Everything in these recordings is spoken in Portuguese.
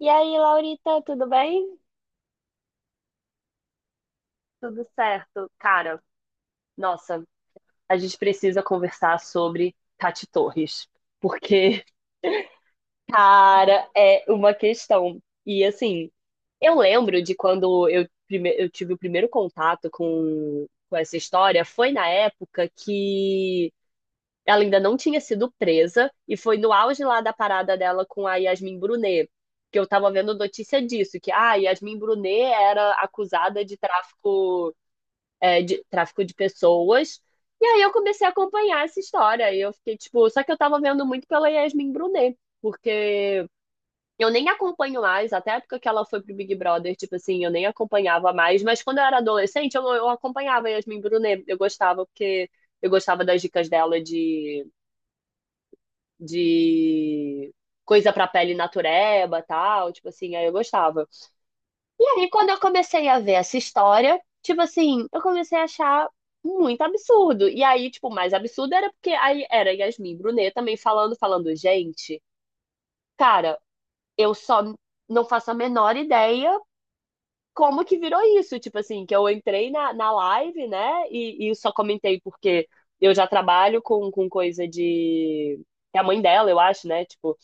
E aí, Laurita, tudo bem? Tudo certo. Cara, nossa, a gente precisa conversar sobre Tati Torres, porque, cara, é uma questão. E assim, eu lembro de quando eu tive o primeiro contato com essa história, foi na época que ela ainda não tinha sido presa, e foi no auge lá da parada dela com a Yasmin Brunet. Que eu tava vendo notícia disso, que a Yasmin Brunet era acusada de tráfico de pessoas. E aí eu comecei a acompanhar essa história. E eu fiquei, tipo, só que eu tava vendo muito pela Yasmin Brunet, porque eu nem acompanho mais, até a época que ela foi pro Big Brother, tipo assim, eu nem acompanhava mais, mas quando eu era adolescente, eu acompanhava a Yasmin Brunet. Eu gostava, porque eu gostava das dicas dela de coisa pra pele natureba, e tal, tipo assim, aí eu gostava. E quando eu comecei a ver essa história, tipo assim, eu comecei a achar muito absurdo. E aí, tipo, o mais absurdo era porque aí era Yasmin Brunet também falando, falando, gente, cara, eu só não faço a menor ideia como que virou isso. Tipo assim, que eu entrei na live, né? E só comentei porque eu já trabalho com coisa de. É a mãe dela, eu acho, né? Tipo,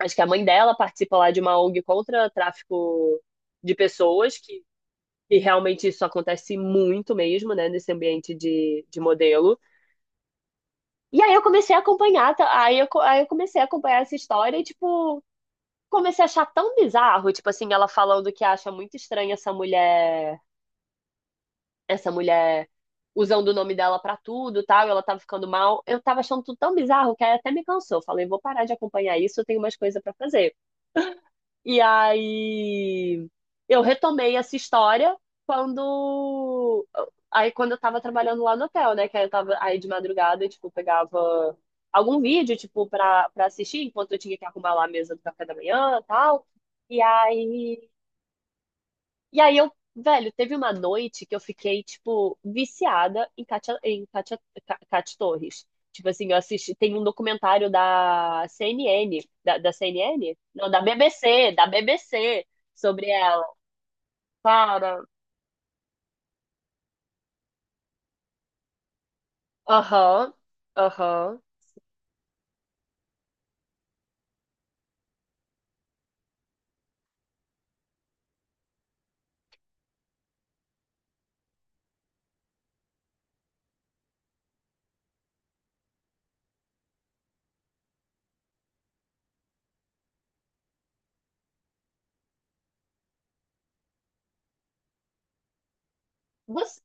acho que a mãe dela participa lá de uma ONG contra tráfico de pessoas que e realmente isso acontece muito mesmo, né, nesse ambiente de modelo. E aí eu comecei a acompanhar, tá? Aí eu comecei a acompanhar essa história e, tipo, comecei a achar tão bizarro, tipo assim, ela falando que acha muito estranha essa mulher usando o nome dela pra tudo, tal, e ela tava ficando mal. Eu tava achando tudo tão bizarro que aí até me cansou. Falei, vou parar de acompanhar isso, eu tenho umas coisas pra fazer. E aí eu retomei essa história quando quando eu tava trabalhando lá no hotel, né? Que aí eu tava aí de madrugada, eu, tipo, pegava algum vídeo, tipo, pra, pra assistir enquanto eu tinha que arrumar lá a mesa do café da manhã e tal. E aí e aí eu, velho, teve uma noite que eu fiquei, tipo, viciada em Cátia Torres. Tipo assim, eu assisti, tem um documentário da CNN, da, da CNN? Não, da BBC, sobre ela. Cara, aham, aham. Você...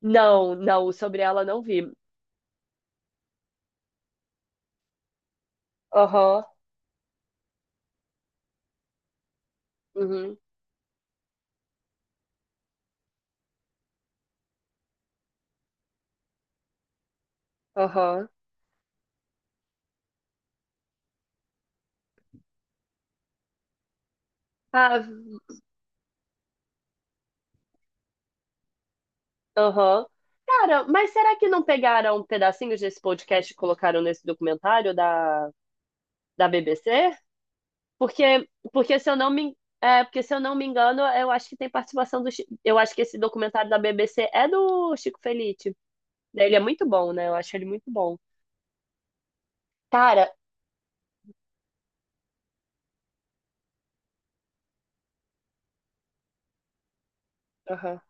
Não, não, sobre ela não vi. Aham, uhum, aham. Ah, aham. Cara, mas será que não pegaram pedacinhos desse podcast e colocaram nesse documentário da BBC? Porque se eu não me engano, eu acho que tem participação do, eu acho que esse documentário da BBC é do Chico Felitti. Né, ele é muito bom, né? Eu acho ele muito bom. Cara, aham,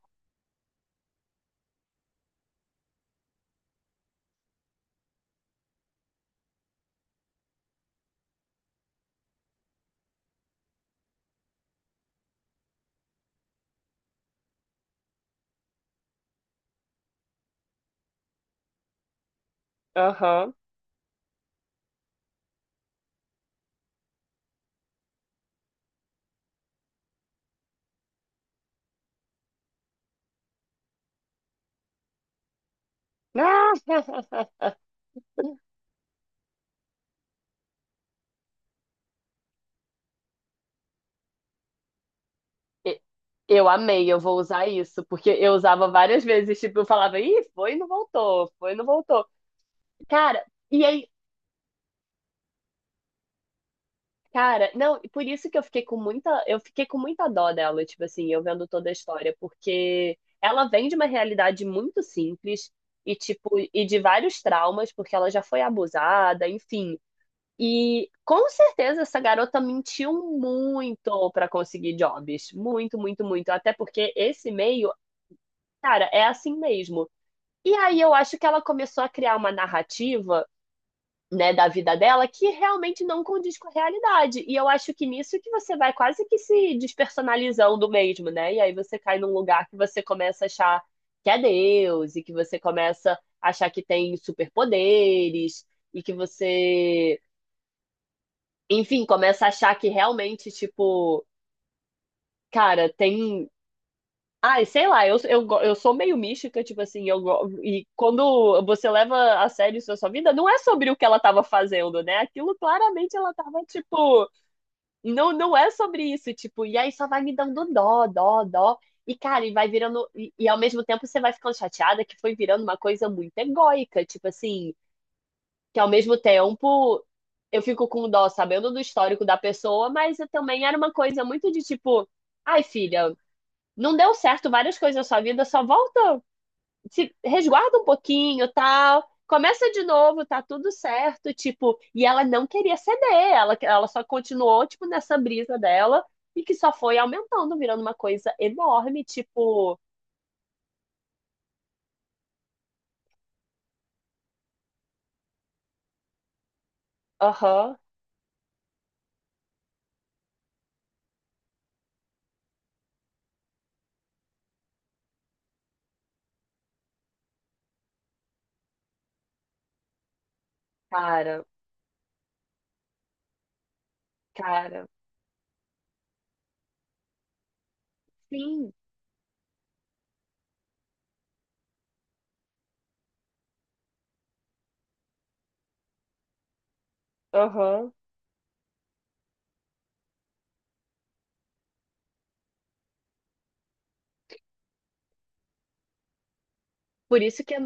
aham. Ah! E- eu amei, eu vou usar isso, porque eu usava várias vezes, tipo, eu falava, ih, foi e não voltou, foi e não voltou. Cara, e é Cara, não, e por isso que eu fiquei com muita, eu fiquei com muita dó dela, tipo assim, eu vendo toda a história, porque ela vem de uma realidade muito simples e tipo, e de vários traumas, porque ela já foi abusada, enfim. E com certeza essa garota mentiu muito pra conseguir jobs, muito, muito, muito, até porque esse meio, cara, é assim mesmo. E aí eu acho que ela começou a criar uma narrativa, né, da vida dela que realmente não condiz com a realidade. E eu acho que nisso que você vai quase que se despersonalizando mesmo, né? E aí você cai num lugar que você começa a achar que é Deus e que você começa a achar que tem superpoderes e que você, enfim, começa a achar que realmente, tipo, cara, tem ai, sei lá, eu sou meio mística, tipo assim, e quando você leva a sério isso na sua vida, não é sobre o que ela estava fazendo, né? Aquilo claramente ela tava, tipo, não é sobre isso, tipo, e aí só vai me dando dó, dó, dó. E, cara, e vai virando, e ao mesmo tempo você vai ficando chateada que foi virando uma coisa muito egóica, tipo assim, que ao mesmo tempo eu fico com dó sabendo do histórico da pessoa, mas eu também era uma coisa muito de tipo, ai, filha, não deu certo várias coisas na sua vida, só volta, se resguarda um pouquinho, tal. Começa de novo, tá tudo certo, tipo, e ela não queria ceder, ela só continuou, tipo, nessa brisa dela, e que só foi aumentando, virando uma coisa enorme, tipo, aham, cara, cara, sim, aham. Por isso que é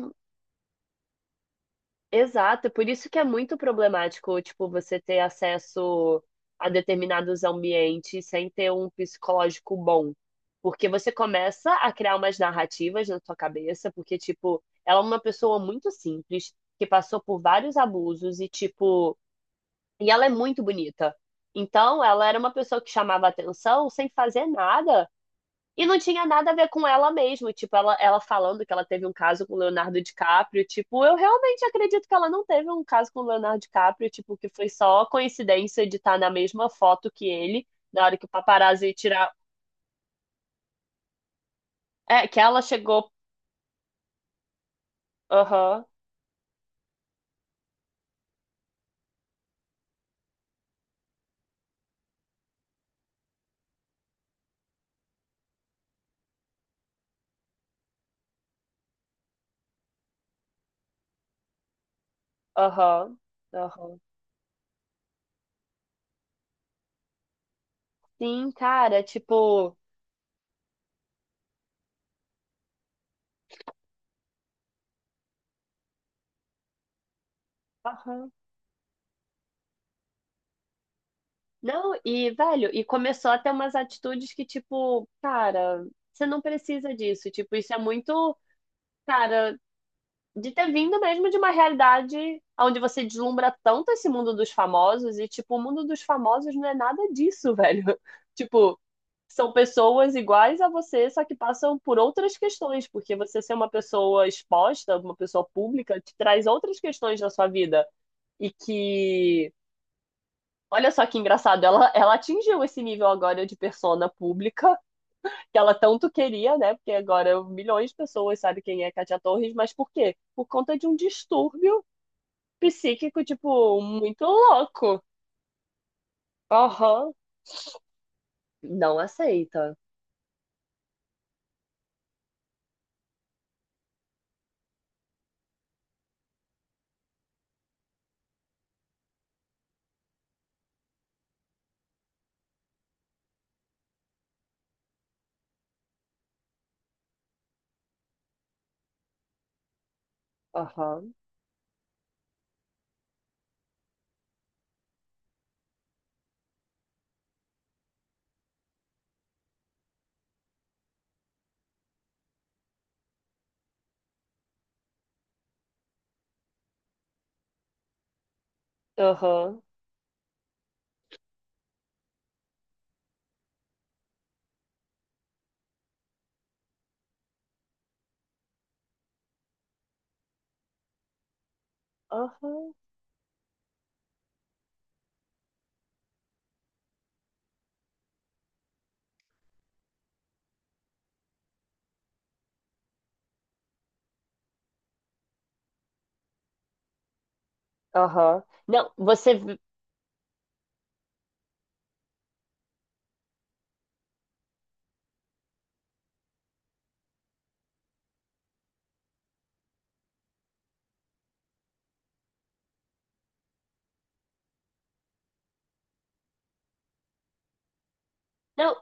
Exato, por isso que é muito problemático, tipo, você ter acesso a determinados ambientes sem ter um psicológico bom. Porque você começa a criar umas narrativas na sua cabeça, porque, tipo, ela é uma pessoa muito simples, que passou por vários abusos e, tipo, e ela é muito bonita. Então, ela era uma pessoa que chamava atenção sem fazer nada. E não tinha nada a ver com ela mesmo. Tipo, ela falando que ela teve um caso com o Leonardo DiCaprio. Tipo, eu realmente acredito que ela não teve um caso com o Leonardo DiCaprio. Tipo, que foi só coincidência de estar na mesma foto que ele. Na hora que o paparazzi ia tirar. É, que ela chegou. Aham, aham, aham. Sim, cara, tipo. Aham. Não, e, velho, e começou a ter umas atitudes que, tipo, cara, você não precisa disso. Tipo, isso é muito. Cara, de ter vindo mesmo de uma realidade onde você deslumbra tanto esse mundo dos famosos e, tipo, o mundo dos famosos não é nada disso, velho. Tipo, são pessoas iguais a você, só que passam por outras questões, porque você ser uma pessoa exposta, uma pessoa pública, te traz outras questões na sua vida. E que. Olha só que engraçado, ela atingiu esse nível agora de persona pública que ela tanto queria, né? Porque agora milhões de pessoas sabem quem é Katia Torres, mas por quê? Por conta de um distúrbio psíquico, tipo, muito louco. Aham. Não aceita. Aham. Aham. Aham. Aham. Não,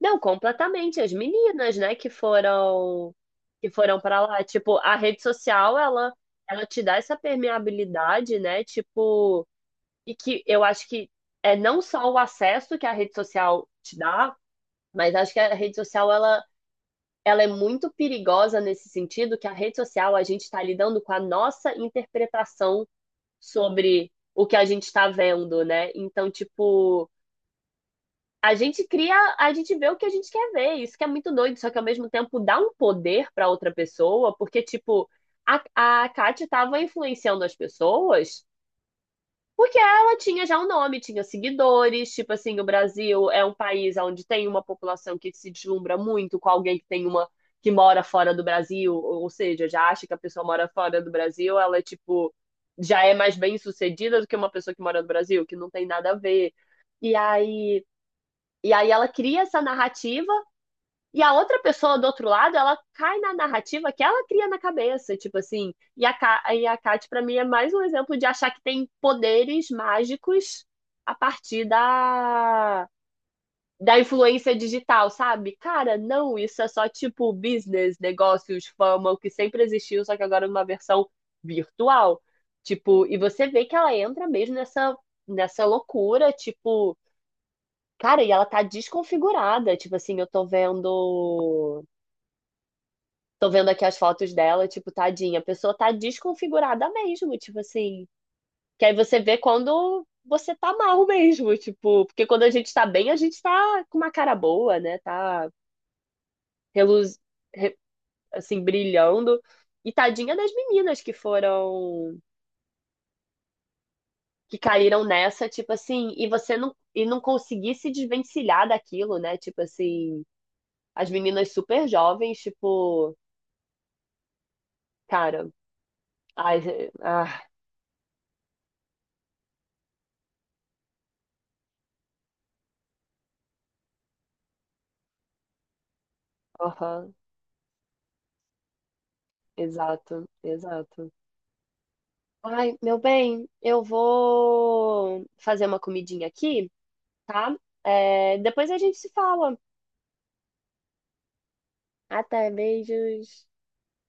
não, completamente. As meninas, né, que foram. Que foram pra lá. Tipo, a rede social, ela te dá essa permeabilidade, né? Tipo. E que eu acho que é não só o acesso que a rede social te dá, mas acho que a rede social, ela é muito perigosa nesse sentido que a rede social a gente está lidando com a nossa interpretação sobre o que a gente está vendo, né? Então, tipo, a gente cria, a gente vê o que a gente quer ver, isso que é muito doido, só que ao mesmo tempo dá um poder para outra pessoa, porque, tipo, a, a Kátia estava influenciando as pessoas porque ela tinha já um nome, tinha seguidores, tipo assim, o Brasil é um país onde tem uma população que se deslumbra muito com alguém que tem uma que mora fora do Brasil, ou seja, já acha que a pessoa mora fora do Brasil, ela é tipo já é mais bem-sucedida do que uma pessoa que mora no Brasil, que não tem nada a ver. E aí, ela cria essa narrativa e a outra pessoa do outro lado, ela cai na narrativa que ela cria na cabeça, tipo assim. E a Kat, pra mim, é mais um exemplo de achar que tem poderes mágicos a partir da, da influência digital, sabe? Cara, não, isso é só tipo business, negócios, fama, o que sempre existiu, só que agora numa versão virtual. Tipo, e você vê que ela entra mesmo nessa loucura, tipo. Cara, e ela tá desconfigurada. Tipo assim, eu tô vendo aqui as fotos dela, tipo, tadinha. A pessoa tá desconfigurada mesmo, tipo assim. Que aí você vê quando você tá mal mesmo, tipo. Porque quando a gente tá bem, a gente tá com uma cara boa, né? Tá reluz... re- assim, brilhando. E tadinha das meninas que foram. Que caíram nessa, tipo assim. E você não. E não conseguir se desvencilhar daquilo, né? Tipo assim. As meninas super jovens, tipo. Cara. Ai, ah, aham, exato, exato. Ai, meu bem, eu vou fazer uma comidinha aqui, tá? É, depois a gente se fala. Até, beijos.